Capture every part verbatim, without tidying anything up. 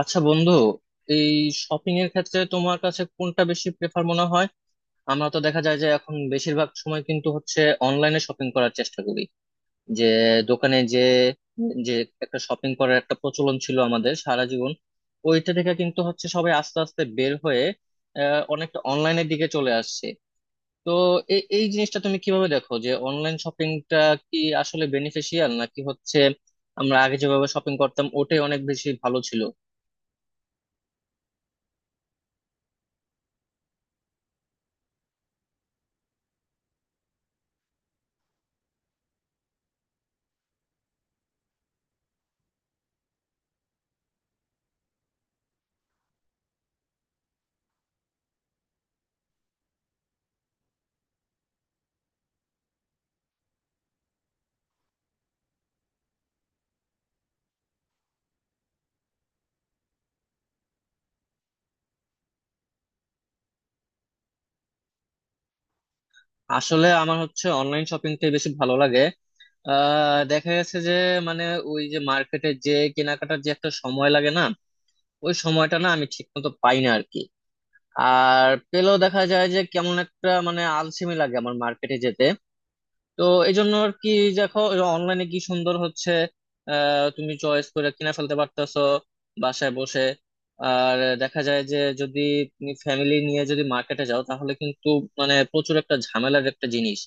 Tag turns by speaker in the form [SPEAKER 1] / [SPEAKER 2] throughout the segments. [SPEAKER 1] আচ্ছা বন্ধু, এই শপিং এর ক্ষেত্রে তোমার কাছে কোনটা বেশি প্রেফার মনে হয়? আমরা তো দেখা যায় যে এখন বেশিরভাগ সময় কিন্তু হচ্ছে অনলাইনে শপিং করার চেষ্টা করি। যে দোকানে যে যে একটা শপিং করার একটা প্রচলন ছিল আমাদের সারা জীবন, ওইটা থেকে কিন্তু হচ্ছে সবাই আস্তে আস্তে বের হয়ে আহ, অনেকটা অনলাইনের দিকে চলে আসছে। তো এই এই জিনিসটা তুমি কিভাবে দেখো, যে অনলাইন শপিংটা কি আসলে বেনিফিশিয়াল, নাকি হচ্ছে আমরা আগে যেভাবে শপিং করতাম ওটাই অনেক বেশি ভালো ছিল? আসলে আমার হচ্ছে অনলাইন শপিংটাই বেশি ভালো লাগে। আহ, দেখা গেছে যে মানে ওই যে মার্কেটে যে কেনাকাটার যে একটা সময় লাগে না, ওই সময়টা না আমি ঠিক মতো পাই না আর কি। আর পেলেও দেখা যায় যে কেমন একটা মানে আলসেমি লাগে আমার মার্কেটে যেতে। তো এই জন্য আর কি। দেখো, অনলাইনে কি সুন্দর হচ্ছে, আহ তুমি চয়েস করে কিনে ফেলতে পারতেছো বাসায় বসে। আর দেখা যায় যে যদি তুমি ফ্যামিলি নিয়ে যদি মার্কেটে যাও তাহলে কিন্তু মানে প্রচুর একটা ঝামেলার একটা জিনিস।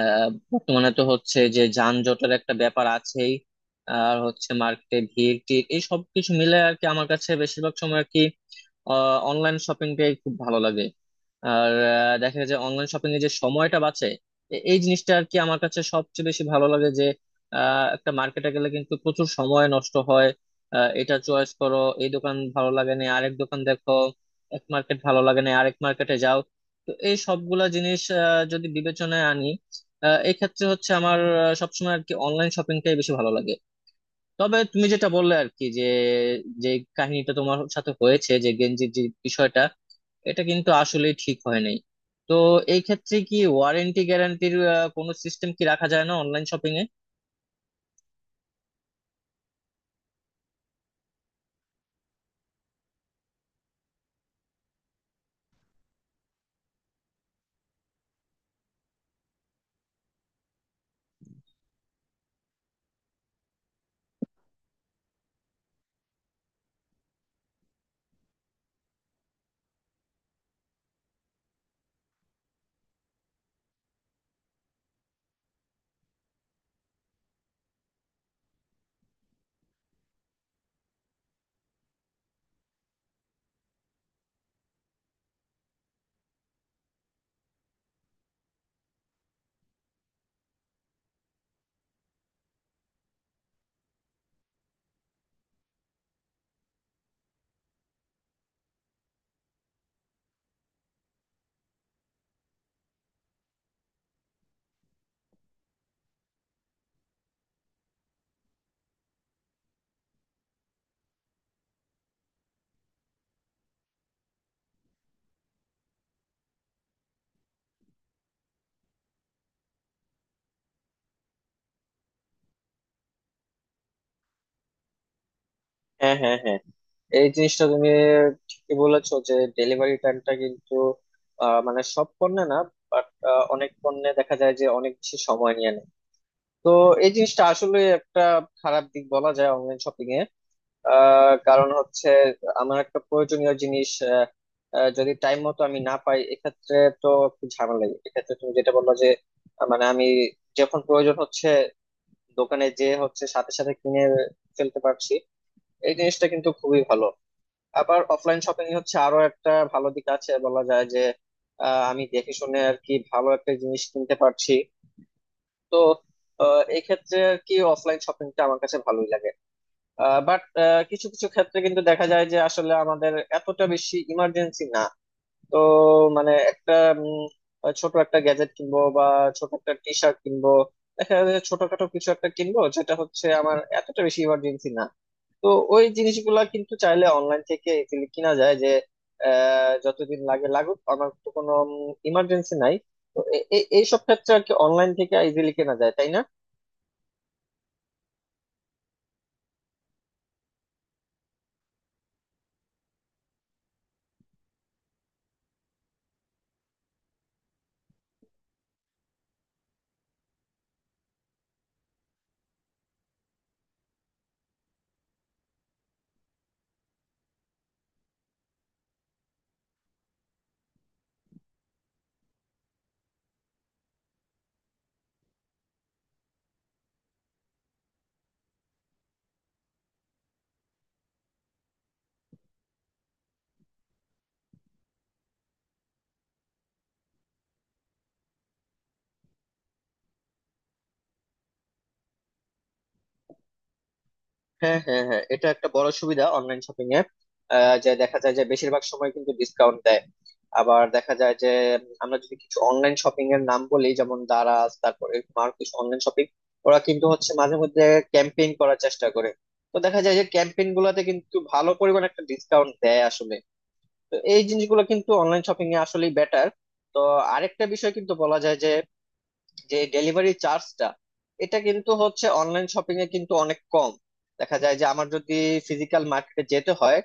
[SPEAKER 1] আহ, বর্তমানে তো হচ্ছে যে যানজটের একটা ব্যাপার আছেই, আর হচ্ছে মার্কেটে ভিড় টিড় এই সব কিছু মিলে আর কি আমার কাছে বেশিরভাগ সময় আর কি অনলাইন শপিংটাই খুব ভালো লাগে। আর আহ, দেখা যায় যে অনলাইন শপিং এ যে সময়টা বাঁচে, এ- এই জিনিসটা আর কি আমার কাছে সবচেয়ে বেশি ভালো লাগে। যে আহ, একটা মার্কেটে গেলে কিন্তু প্রচুর সময় নষ্ট হয়। আহ, এটা চয়েস করো, এই দোকান ভালো লাগে না আরেক দোকান দেখো, এক মার্কেট ভালো লাগে না আরেক মার্কেটে যাও। তো এই সবগুলা জিনিস আহ, যদি বিবেচনায় আনি, আহ, এই ক্ষেত্রে হচ্ছে আমার আহ, সবসময় আর কি অনলাইন শপিংটাই বেশি ভালো লাগে। তবে তুমি যেটা বললে আর কি, যে যে কাহিনীটা তোমার সাথে হয়েছে, যে গেঞ্জির যে বিষয়টা, এটা কিন্তু আসলে ঠিক হয় নাই। তো এই ক্ষেত্রে কি ওয়ারেন্টি গ্যারান্টির কোনো সিস্টেম কি রাখা যায় না অনলাইন শপিং এ? হ্যাঁ, হ্যাঁ, হ্যাঁ, এই জিনিসটা তুমি ঠিকই বলেছো যে ডেলিভারি টাইমটা কিন্তু, আহ, মানে সব পণ্যে না, বাট অনেক পণ্যে দেখা যায় যে অনেক বেশি সময় নিয়ে নেয়। তো এই জিনিসটা আসলে একটা খারাপ দিক বলা যায় অনলাইন শপিং এ। আহ, কারণ হচ্ছে আমার একটা প্রয়োজনীয় জিনিস আহ, আহ, যদি টাইম মতো আমি না পাই এক্ষেত্রে, তো একটু ঝামেলা। এক্ষেত্রে তুমি যেটা বললো যে আহ, মানে আমি যখন প্রয়োজন হচ্ছে দোকানে যে হচ্ছে সাথে সাথে কিনে ফেলতে পারছি, এই জিনিসটা কিন্তু খুবই ভালো। আবার অফলাইন শপিং হচ্ছে আরো একটা ভালো দিক আছে বলা যায় যে আহ, আমি দেখে শুনে আর কি ভালো একটা জিনিস কিনতে পারছি। তো আহ, এই ক্ষেত্রে আর কি অফলাইন শপিংটা আমার কাছে ভালোই লাগে। বাট কিছু কিছু ক্ষেত্রে কিন্তু দেখা যায় যে আসলে আমাদের এতটা বেশি ইমার্জেন্সি না। তো মানে একটা উম, ছোট একটা গ্যাজেট কিনবো, বা ছোট একটা টি শার্ট কিনবো, দেখা যায় যে ছোটখাটো কিছু একটা কিনবো যেটা হচ্ছে আমার এতটা বেশি ইমার্জেন্সি না। তো ওই জিনিসগুলা কিন্তু চাইলে অনলাইন থেকে easily কিনা যায়। যে আহ, যতদিন লাগে লাগুক, আমার তো কোনো ইমার্জেন্সি নাই। তো এই সব ক্ষেত্রে আর কি অনলাইন থেকে ইজিলি কেনা যায়, তাই না? হ্যাঁ, হ্যাঁ, হ্যাঁ, এটা একটা বড় সুবিধা অনলাইন শপিং এ, যে দেখা যায় যে বেশিরভাগ সময় কিন্তু ডিসকাউন্ট দেয়। আবার দেখা যায় যে আমরা যদি কিছু অনলাইন শপিং এর নাম বলি, যেমন দারাজ, তারপরে আর কিছু অনলাইন শপিং, ওরা কিন্তু হচ্ছে মাঝে মধ্যে ক্যাম্পেইন করার চেষ্টা করে। তো দেখা যায় যে ক্যাম্পেইন গুলাতে কিন্তু ভালো পরিমাণ একটা ডিসকাউন্ট দেয় আসলে। তো এই জিনিসগুলো কিন্তু অনলাইন শপিং এ আসলেই বেটার। তো আরেকটা বিষয় কিন্তু বলা যায় যে যে ডেলিভারি চার্জটা, এটা কিন্তু হচ্ছে অনলাইন শপিং এ কিন্তু অনেক কম। দেখা যায় যে আমার যদি ফিজিক্যাল মার্কেটে যেতে হয়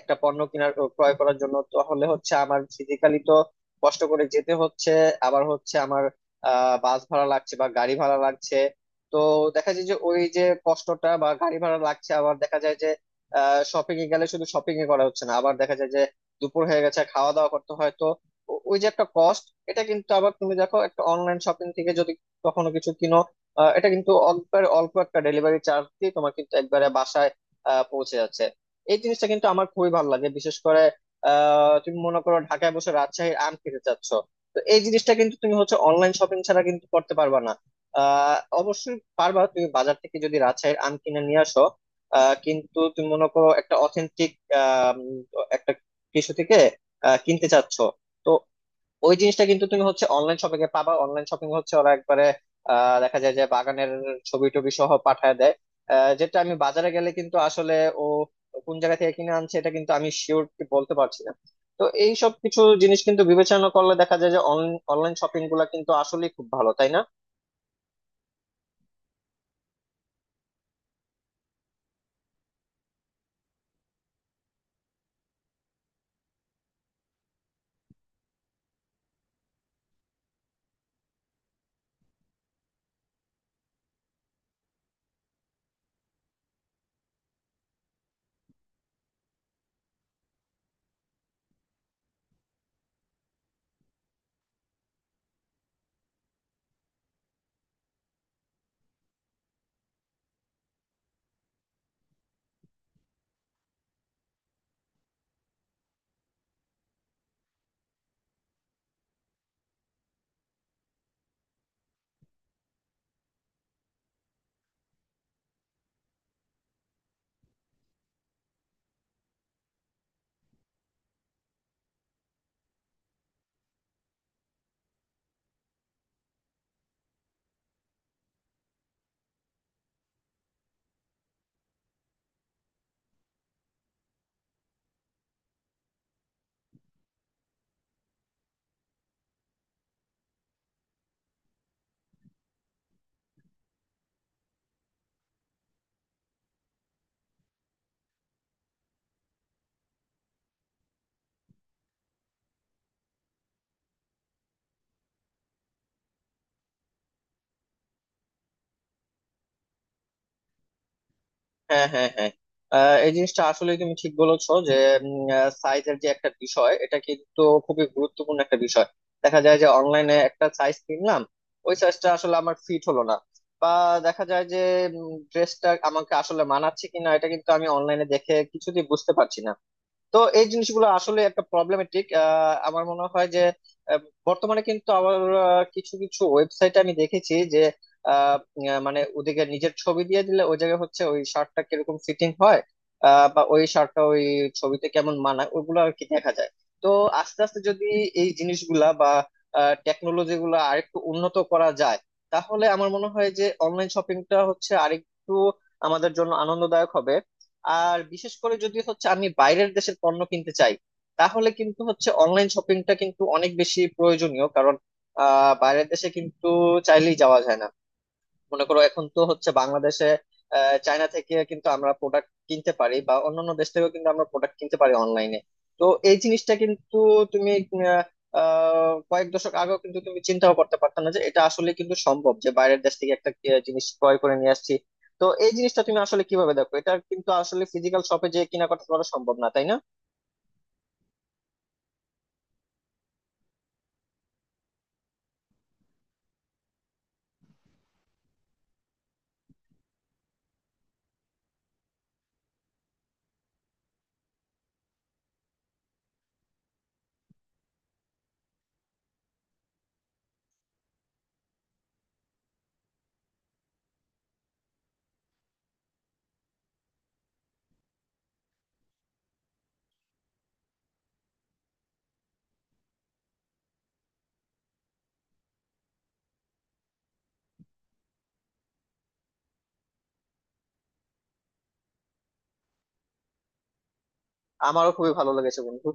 [SPEAKER 1] একটা পণ্য কেনার ও ক্রয় করার জন্য, তাহলে হচ্ছে আমার ফিজিক্যালি তো কষ্ট করে যেতে হচ্ছে। আবার হচ্ছে আমার আহ বাস ভাড়া লাগছে বা গাড়ি ভাড়া লাগছে। তো দেখা যায় যে ওই যে কষ্টটা বা গাড়ি ভাড়া লাগছে, আবার দেখা যায় যে আহ শপিং এ গেলে শুধু শপিং এ করা হচ্ছে না, আবার দেখা যায় যে দুপুর হয়ে গেছে, খাওয়া দাওয়া করতে হয়। তো ও- ওই যে একটা কস্ট। এটা কিন্তু আবার তুমি দেখো, একটা অনলাইন শপিং থেকে যদি কখনো কিছু কিনো, আহ, এটা কিন্তু একবারে অল্প একটা ডেলিভারি চার্জ দিয়ে তোমার কিন্তু একবারে বাসায় আহ, পৌঁছে যাচ্ছে। এই জিনিসটা কিন্তু আমার খুবই ভালো লাগে। বিশেষ করে আহ, তুমি মনে করো ঢাকায় বসে রাজশাহীর আম খেতে চাচ্ছ, তো এই জিনিসটা কিন্তু তুমি হচ্ছে অনলাইন শপিং ছাড়া কিন্তু করতে পারবা না। আহ, অবশ্যই পারবা তুমি বাজার থেকে যদি রাজশাহীর আম কিনে নিয়ে আসো, আহ, কিন্তু তুমি মনে করো একটা অথেন্টিক একটা কিছু থেকে আহ, কিনতে চাচ্ছ, তো ওই জিনিসটা কিন্তু তুমি হচ্ছে অনলাইন শপিং এ পাবা। অনলাইন শপিং হচ্ছে ওরা একবারে আহ, দেখা যায় যে বাগানের ছবি টবি সহ পাঠায় দেয়, আহ, যেটা আমি বাজারে গেলে কিন্তু আসলে ও কোন জায়গা থেকে কিনে আনছে এটা কিন্তু আমি শিওর বলতে পারছি না। তো এই সব কিছু জিনিস কিন্তু বিবেচনা করলে দেখা যায় যে অনলাইন শপিং গুলা কিন্তু আসলেই খুব ভালো, তাই না? হ্যাঁ, হ্যাঁ, হ্যাঁ, আহ, এই জিনিসটা আসলে তুমি ঠিক বলেছো, যে সাইজের যে একটা বিষয়, এটা কিন্তু খুবই গুরুত্বপূর্ণ একটা বিষয়। দেখা যায় যে অনলাইনে একটা সাইজ কিনলাম, ওই সাইজটা আসলে আমার ফিট হলো না, বা দেখা যায় যে ড্রেসটা আমাকে আসলে মানাচ্ছে কিনা এটা কিন্তু আমি অনলাইনে দেখে কিছুতেই বুঝতে পারছি না। তো এই জিনিসগুলো আসলে একটা প্রবলেমেটিক। আমার মনে হয় যে আহ, বর্তমানে কিন্তু আবার আহ, কিছু কিছু ওয়েবসাইট আমি দেখেছি যে আহ, উম, মানে ওদিকে নিজের ছবি দিয়ে দিলে ওই জায়গায় হচ্ছে ওই শার্টটা কিরকম ফিটিং হয়, আহ, বা ওই শার্টটা ওই ছবিতে কেমন মানায় ওগুলো আর কি দেখা যায়। তো আস্তে আস্তে যদি এই জিনিসগুলা বা টেকনোলজি গুলা আরেকটু উন্নত করা যায়, তাহলে আমার মনে হয় যে অনলাইন শপিংটা হচ্ছে আরেকটু আমাদের জন্য আনন্দদায়ক হবে। আর বিশেষ করে যদি হচ্ছে আমি বাইরের দেশের পণ্য কিনতে চাই, তাহলে কিন্তু হচ্ছে অনলাইন শপিংটা কিন্তু অনেক বেশি প্রয়োজনীয়। কারণ আহ বাইরের দেশে কিন্তু চাইলেই যাওয়া যায় না। মনে করো এখন তো হচ্ছে বাংলাদেশে আহ, চায়না থেকে কিন্তু আমরা প্রোডাক্ট কিনতে পারি, বা অন্যান্য দেশ থেকেও কিন্তু আমরা প্রোডাক্ট কিনতে পারি অনলাইনে। তো এই জিনিসটা কিন্তু তুমি আহ, আহ, কয়েক দশক আগেও কিন্তু তুমি চিন্তাও করতে পারতো না যে এটা আসলে কিন্তু সম্ভব, যে বাইরের দেশ থেকে একটা আহ, জিনিস ক্রয় করে নিয়ে আসছি। তো এই জিনিসটা তুমি আসলে কিভাবে দেখো, এটা কিন্তু আসলে ফিজিক্যাল শপে যে কিনা করতে করা সম্ভব না, তাই না? আমারও খুবই ভালো লেগেছে বন্ধু।